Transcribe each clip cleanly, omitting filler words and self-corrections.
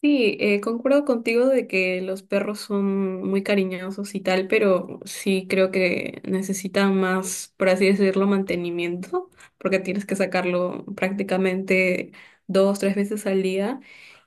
Sí, concuerdo contigo de que los perros son muy cariñosos y tal, pero sí creo que necesitan más, por así decirlo, mantenimiento, porque tienes que sacarlo prácticamente dos, tres veces al día.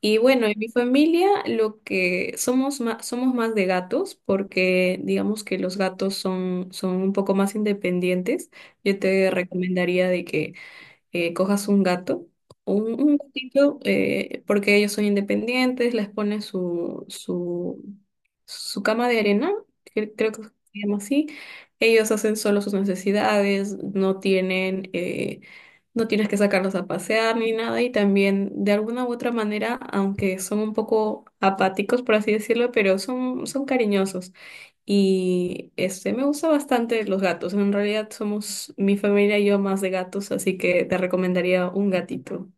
Y bueno, en mi familia lo que somos más de gatos, porque digamos que los gatos son un poco más independientes. Yo te recomendaría de que cojas un gato, un gatito, porque ellos son independientes, les pones su cama de arena, que creo que se llama así. Ellos hacen solo sus necesidades, no tienen, no tienes que sacarlos a pasear ni nada. Y también, de alguna u otra manera, aunque son un poco apáticos, por así decirlo, pero son cariñosos. Y este me gusta bastante los gatos. En realidad somos mi familia y yo más de gatos, así que te recomendaría un gatito.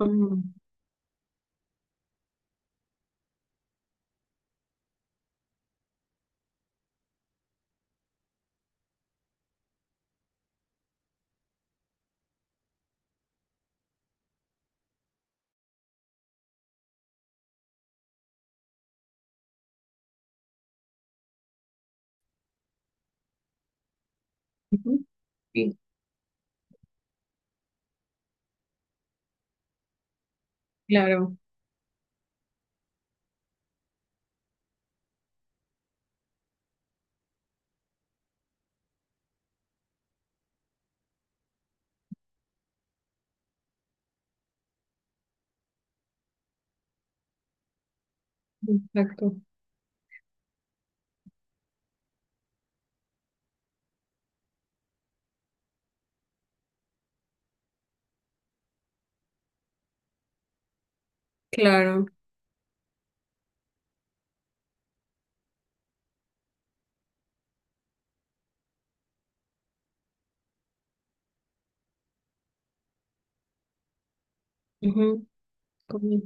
Mm, ujú. Sí, claro, exacto. Claro. Ujú, como-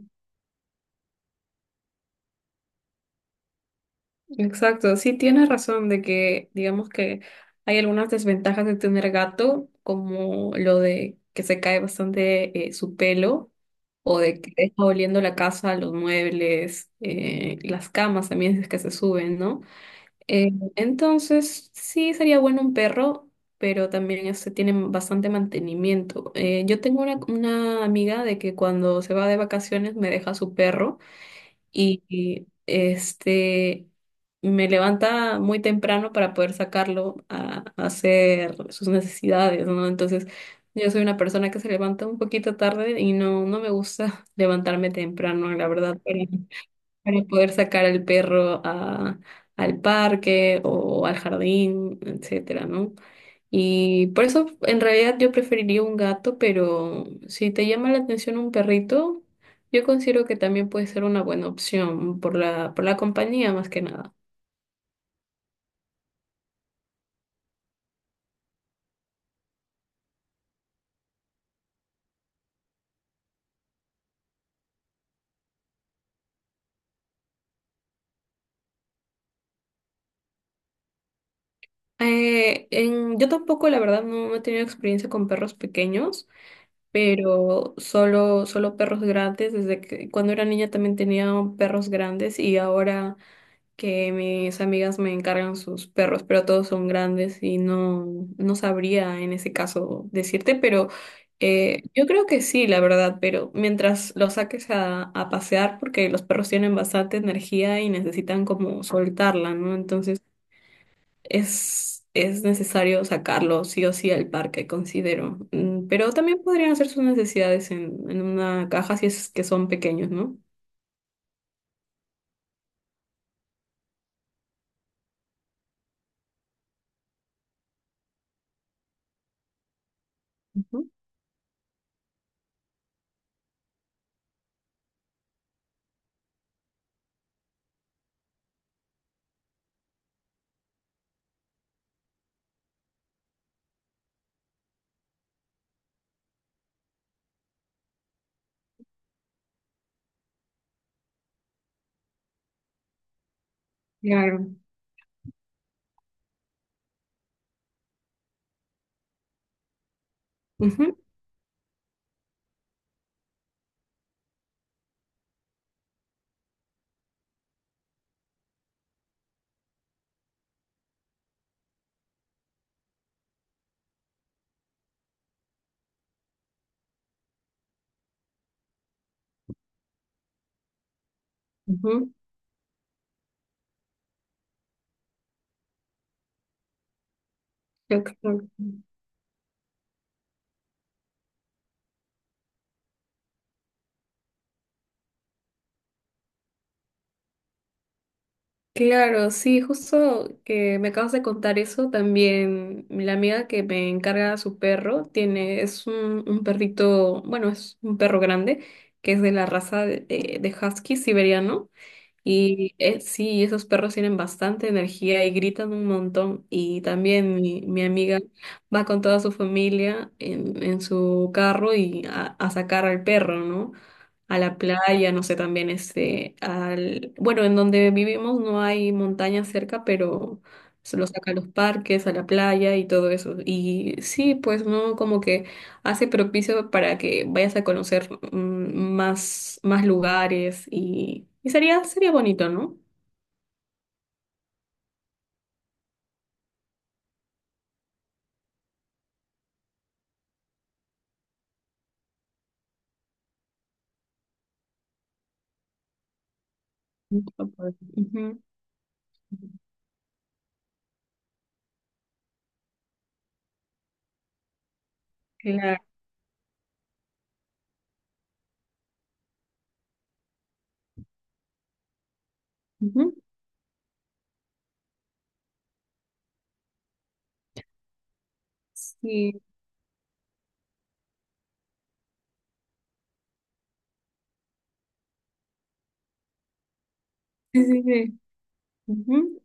exacto. Sí, tienes razón de que, digamos que hay algunas desventajas de tener gato, como lo de que se cae bastante su pelo, o de que está oliendo la casa, los muebles, las camas también si es que se suben, ¿no? Entonces, sí sería bueno un perro, pero también este, tienen bastante mantenimiento. Yo tengo una amiga de que cuando se va de vacaciones me deja su perro este me levanta muy temprano para poder sacarlo a hacer sus necesidades, ¿no? Entonces, yo soy una persona que se levanta un poquito tarde y no, no me gusta levantarme temprano, la verdad para poder sacar al al parque o al jardín, etcétera, ¿no? Y por eso en realidad yo preferiría un gato, pero si te llama la atención un perrito, yo considero que también puede ser una buena opción por por la compañía más que nada. Yo tampoco, la verdad, no, no he tenido experiencia con perros pequeños, pero solo perros grandes. Desde que cuando era niña también tenía perros grandes y ahora que mis amigas me encargan sus perros, pero todos son grandes y no, no sabría en ese caso decirte, pero yo creo que sí, la verdad, pero mientras los saques a pasear, porque los perros tienen bastante energía y necesitan como soltarla, ¿no? Entonces es necesario sacarlo sí o sí al parque, considero. Pero también podrían hacer sus necesidades en una caja si es que son pequeños, ¿no? Ujú. Claro. Ujú, ujú. Yo creo. Claro, sí, justo que me acabas de contar eso, también la amiga que me encarga a su perro tiene, es un perrito, bueno, es un perro grande, que es de la raza de husky siberiano, y sí, esos perros tienen bastante energía y gritan un montón, y también mi amiga va con toda su familia en su carro y a sacar al perro, ¿no? A la playa, no sé, también este, al, bueno, en donde vivimos no hay montañas cerca, pero se lo saca a los parques, a la playa y todo eso. Y sí, pues no, como que hace propicio para que vayas a conocer más, más lugares y sería, sería bonito, ¿no? Mucho poder. Ujú. Claro. Ujú. Sí, sí, sí. Sí. Ujú,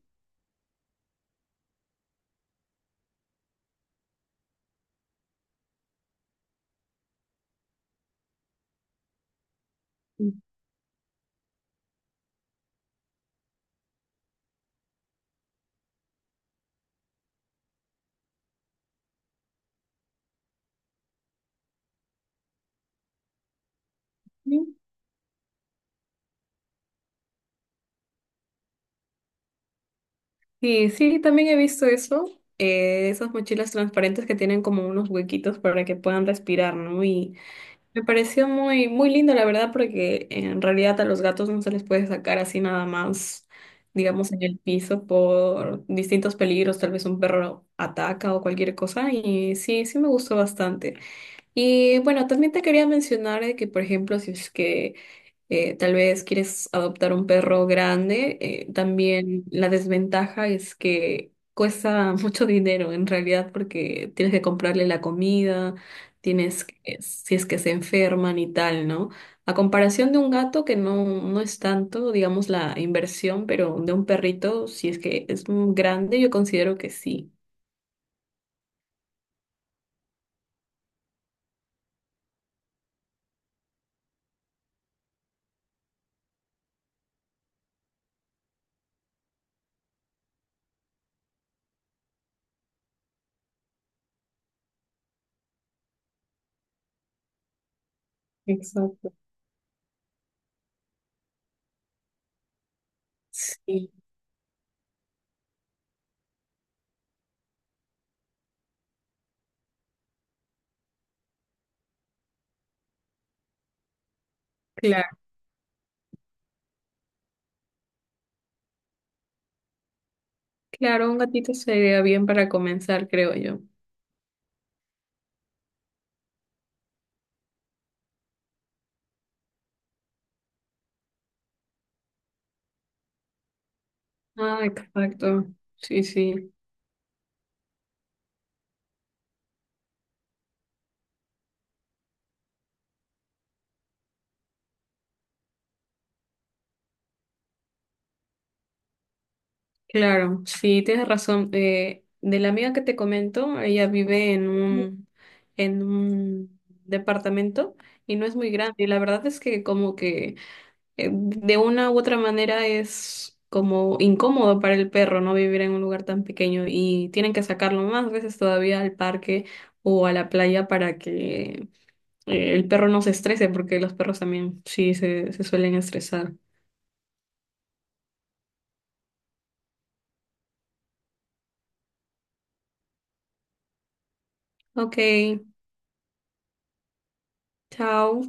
ujú. Sí, sí, también he visto eso, esas mochilas transparentes que tienen como unos huequitos para que puedan respirar, ¿no? Y me pareció muy, muy lindo, la verdad, porque en realidad a los gatos no se les puede sacar así nada más, digamos, en el piso por distintos peligros, tal vez un perro ataca o cualquier cosa, y sí, sí me gustó bastante. Y bueno, también te quería mencionar de que, por ejemplo, si es que tal vez quieres adoptar un perro grande, también la desventaja es que cuesta mucho dinero en realidad porque tienes que comprarle la comida, tienes que, si es que se enferman y tal, ¿no? A comparación de un gato que no, no es tanto, digamos, la inversión, pero de un perrito, si es que es un grande, yo considero que sí. Exacto. Sí, claro. Claro, un gatito sería bien para comenzar, creo yo. Ah, exacto. Sí, sí. Claro, sí, tienes razón. De la amiga que te comento, ella vive en en un departamento y no es muy grande. Y la verdad es que como que de una u otra manera es como incómodo para el perro, ¿no? Vivir en un lugar tan pequeño y tienen que sacarlo más veces todavía al parque o a la playa para que el perro no se estrese, porque los perros también sí se suelen estresar. Ok, chao.